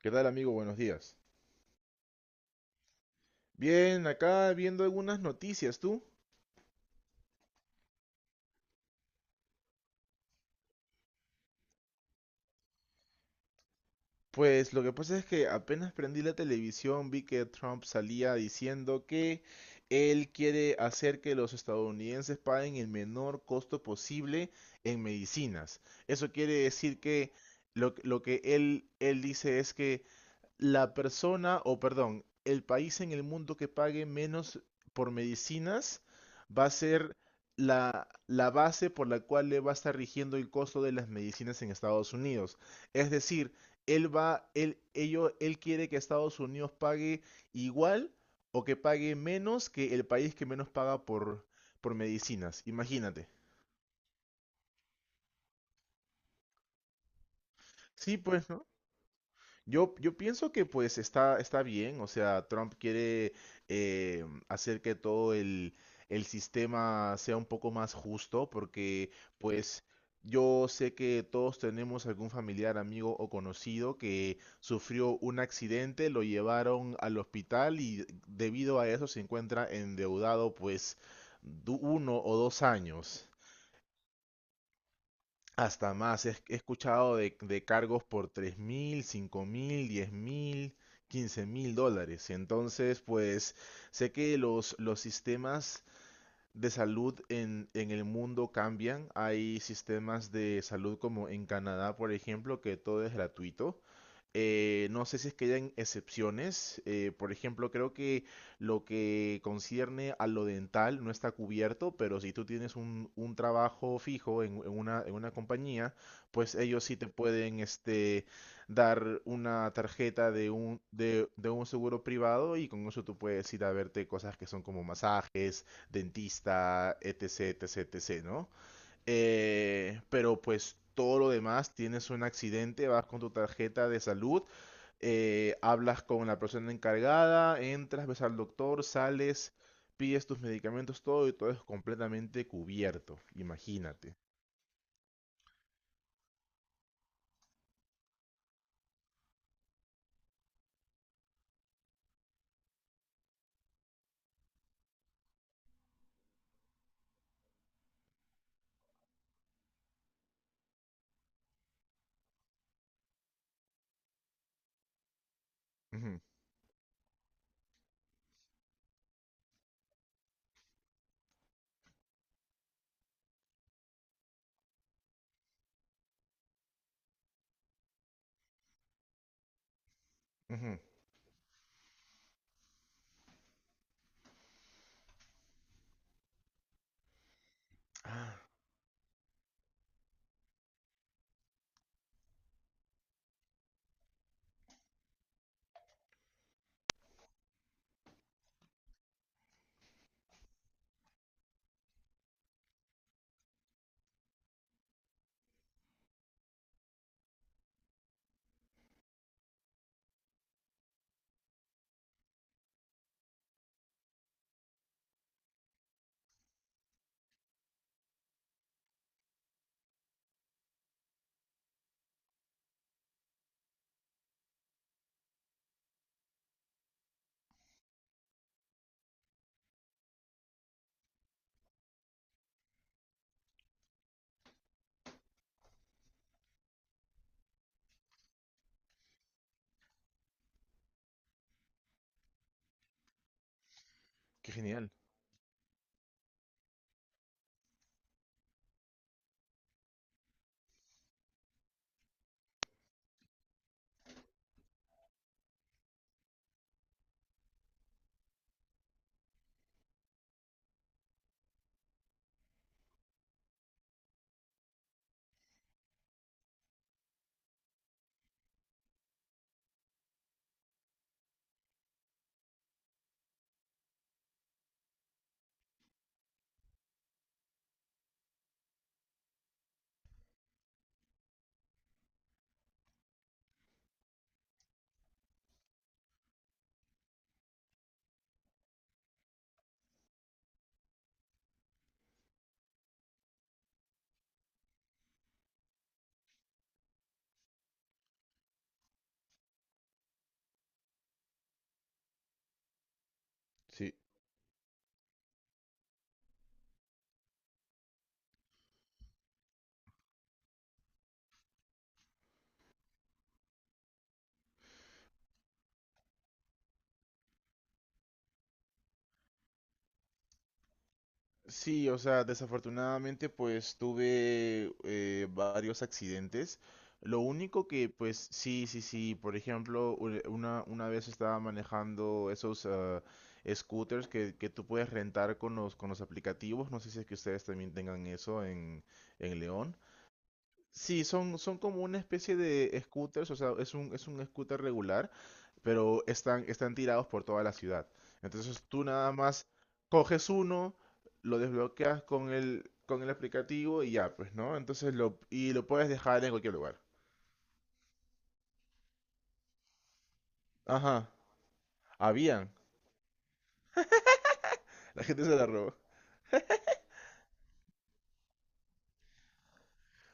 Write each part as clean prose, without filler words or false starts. ¿Qué tal, amigo? Buenos días. Bien, acá viendo algunas noticias, ¿tú? Pues lo que pasa es que apenas prendí la televisión, vi que Trump salía diciendo que él quiere hacer que los estadounidenses paguen el menor costo posible en medicinas. Eso quiere decir que lo que él dice es que la persona, o perdón, el país en el mundo que pague menos por medicinas va a ser la base por la cual le va a estar rigiendo el costo de las medicinas en Estados Unidos. Es decir, él va, él, ello, él quiere que Estados Unidos pague igual o que pague menos que el país que menos paga por medicinas. Imagínate. Sí, pues, ¿no? Yo pienso que pues está bien, o sea, Trump quiere hacer que todo el sistema sea un poco más justo, porque pues yo sé que todos tenemos algún familiar, amigo o conocido que sufrió un accidente, lo llevaron al hospital y debido a eso se encuentra endeudado pues uno o dos años. Hasta más, he escuchado de cargos por 3000, 5000, 10.000, $15.000. Entonces, pues sé que los sistemas de salud en el mundo cambian. Hay sistemas de salud como en Canadá, por ejemplo, que todo es gratuito. No sé si es que hayan excepciones. Por ejemplo, creo que lo que concierne a lo dental no está cubierto, pero si tú tienes un trabajo fijo en, en una compañía, pues ellos sí te pueden dar una tarjeta de un, de un seguro privado y con eso tú puedes ir a verte cosas que son como masajes, dentista, etc, etc, etc, ¿no? Pero pues todo lo demás, tienes un accidente, vas con tu tarjeta de salud, hablas con la persona encargada, entras, ves al doctor, sales, pides tus medicamentos, todo y todo es completamente cubierto, imagínate. Ujú, ujú. Ah, qué genial. Sí. Sí, o sea, desafortunadamente pues tuve varios accidentes. Lo único que pues sí, sí, sí, por ejemplo, una vez estaba manejando esos scooters que tú puedes rentar con con los aplicativos. No sé si es que ustedes también tengan eso en, León. Sí, son como una especie de scooters, o sea, es un scooter regular, pero están tirados por toda la ciudad. Entonces tú nada más coges uno, lo desbloqueas con con el aplicativo y ya, pues, ¿no? Entonces y lo puedes dejar en cualquier lugar. Ajá, habían. La gente se la robó.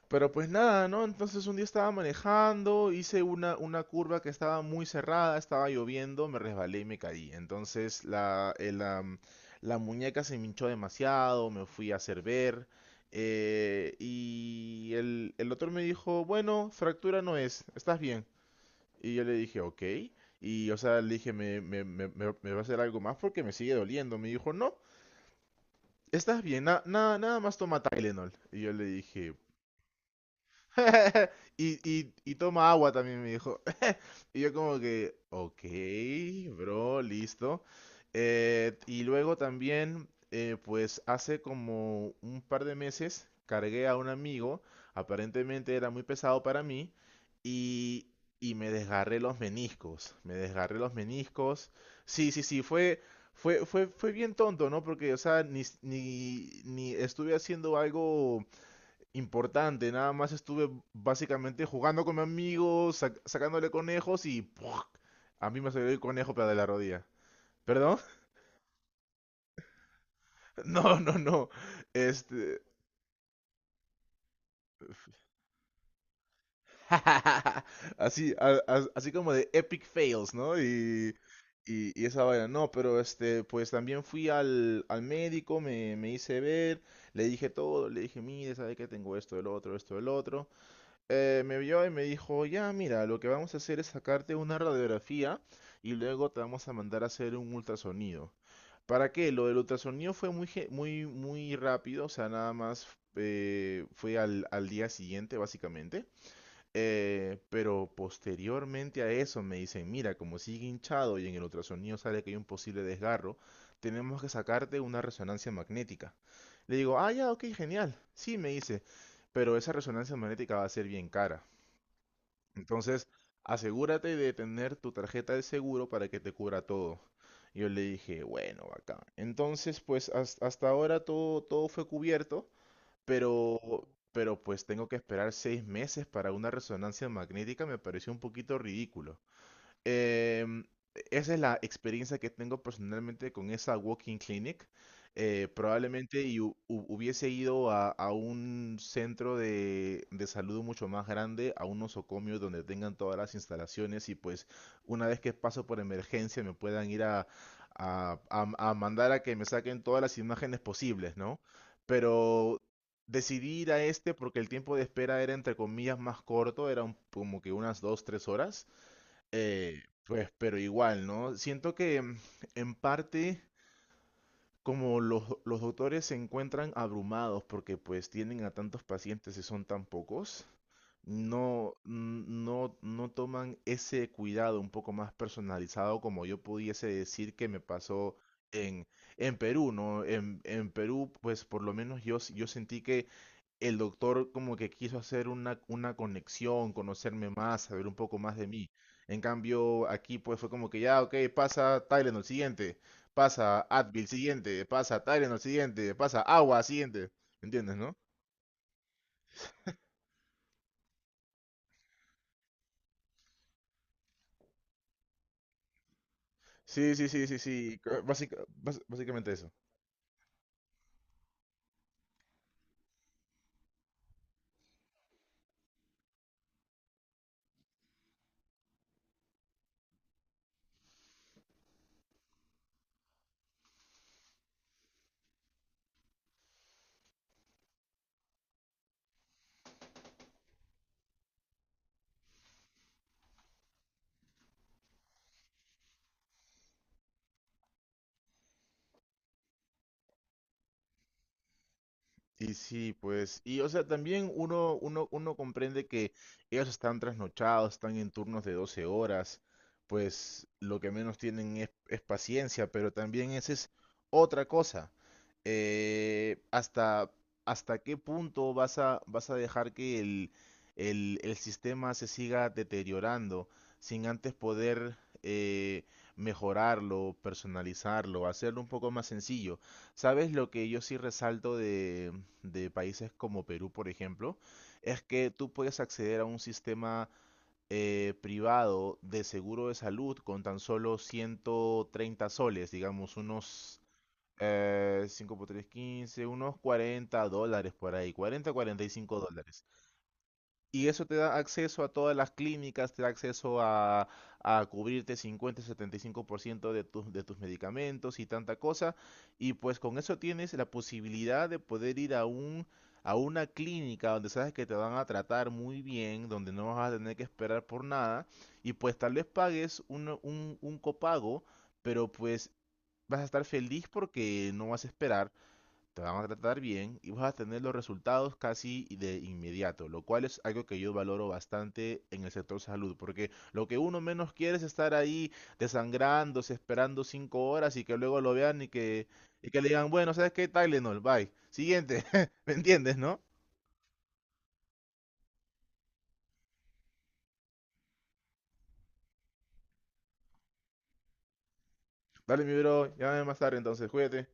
Pero pues nada, ¿no? Entonces un día estaba manejando, hice una curva que estaba muy cerrada, estaba lloviendo, me resbalé y me caí. Entonces la muñeca se me hinchó demasiado, me fui a hacer ver. Y el doctor me dijo, bueno, fractura no es, estás bien. Y yo le dije, ok. Y o sea, le dije, me va a hacer algo más porque me sigue doliendo? Me dijo, no, estás bien, nada más toma Tylenol. Y yo le dije, Y toma agua también, me dijo. Y yo como que, ok, bro, listo. Y luego también, pues hace como un par de meses, cargué a un amigo, aparentemente era muy pesado para mí, y, y me desgarré los meniscos, me desgarré los meniscos. Sí, sí, sí, fue bien tonto, ¿no? Porque, o sea, ni estuve haciendo algo importante. Nada más estuve básicamente jugando con mi amigo, sacándole conejos y ¡puj! A mí me salió el conejo pero de la rodilla. ¿Perdón? No, no, no. Este, Así, así como de epic fails, ¿no? Y esa vaina. No, pero pues también fui al médico, me hice ver, le dije todo, le dije, mire, sabe que tengo esto, el otro, esto, el otro. Me vio y me dijo, ya, mira, lo que vamos a hacer es sacarte una radiografía y luego te vamos a mandar a hacer un ultrasonido. ¿Para qué? Lo del ultrasonido fue muy rápido, o sea, nada más fue al día siguiente, básicamente. Pero posteriormente a eso me dicen, mira, como sigue hinchado y en el ultrasonido sale que hay un posible desgarro, tenemos que sacarte una resonancia magnética. Le digo, ah, ya, ok, genial. Sí, me dice, pero esa resonancia magnética va a ser bien cara. Entonces, asegúrate de tener tu tarjeta de seguro para que te cubra todo. Yo le dije, bueno, bacán. Entonces, pues hasta ahora todo fue cubierto, pero, pues tengo que esperar 6 meses para una resonancia magnética, me pareció un poquito ridículo. Em, esa es la experiencia que tengo personalmente con esa walking clinic. Probablemente y hubiese ido a un centro de salud mucho más grande, a un nosocomio donde tengan todas las instalaciones y pues una vez que paso por emergencia me puedan ir a mandar a que me saquen todas las imágenes posibles, ¿no? Pero decidí ir a este porque el tiempo de espera era entre comillas más corto, era como que unas dos tres horas. Pues, pero igual, ¿no? Siento que en parte como los doctores se encuentran abrumados porque pues tienen a tantos pacientes y son tan pocos, no toman ese cuidado un poco más personalizado como yo pudiese decir que me pasó en, Perú, ¿no? En, Perú, pues por lo menos yo sentí que el doctor como que quiso hacer una conexión, conocerme más, saber un poco más de mí. En cambio, aquí pues fue como que ya, ok, pasa Tylenol siguiente, pasa Advil siguiente, pasa Tylenol siguiente, pasa agua siguiente. ¿Entiendes, no? Sí, sí, sí, sí, sí. Básicamente eso. Y sí, pues, y o sea, también uno comprende que ellos están trasnochados, están en turnos de 12 horas, pues lo que menos tienen es paciencia, pero también esa es otra cosa. Eh, hasta, hasta qué punto vas vas a dejar que el sistema se siga deteriorando sin antes poder eh, mejorarlo, personalizarlo, hacerlo un poco más sencillo. ¿Sabes lo que yo sí resalto de países como Perú, por ejemplo, es que tú puedes acceder a un sistema privado de seguro de salud con tan solo 130 soles, digamos unos 5 por 3, 15, unos $40 por ahí, 40, $45. Y eso te da acceso a todas las clínicas, te da acceso a cubrirte 50, 75% de de tus medicamentos y tanta cosa. Y pues con eso tienes la posibilidad de poder ir a una clínica donde sabes que te van a tratar muy bien, donde no vas a tener que esperar por nada. Y pues tal vez pagues un copago, pero pues vas a estar feliz porque no vas a esperar te van a tratar bien y vas a tener los resultados casi de inmediato, lo cual es algo que yo valoro bastante en el sector salud, porque lo que uno menos quiere es estar ahí desangrándose, esperando 5 horas y que luego lo vean y y que le digan, bueno, ¿sabes qué? Tylenol, bye. Siguiente, ¿me entiendes, no? Dale, mi bro, llámame más tarde entonces, cuídate.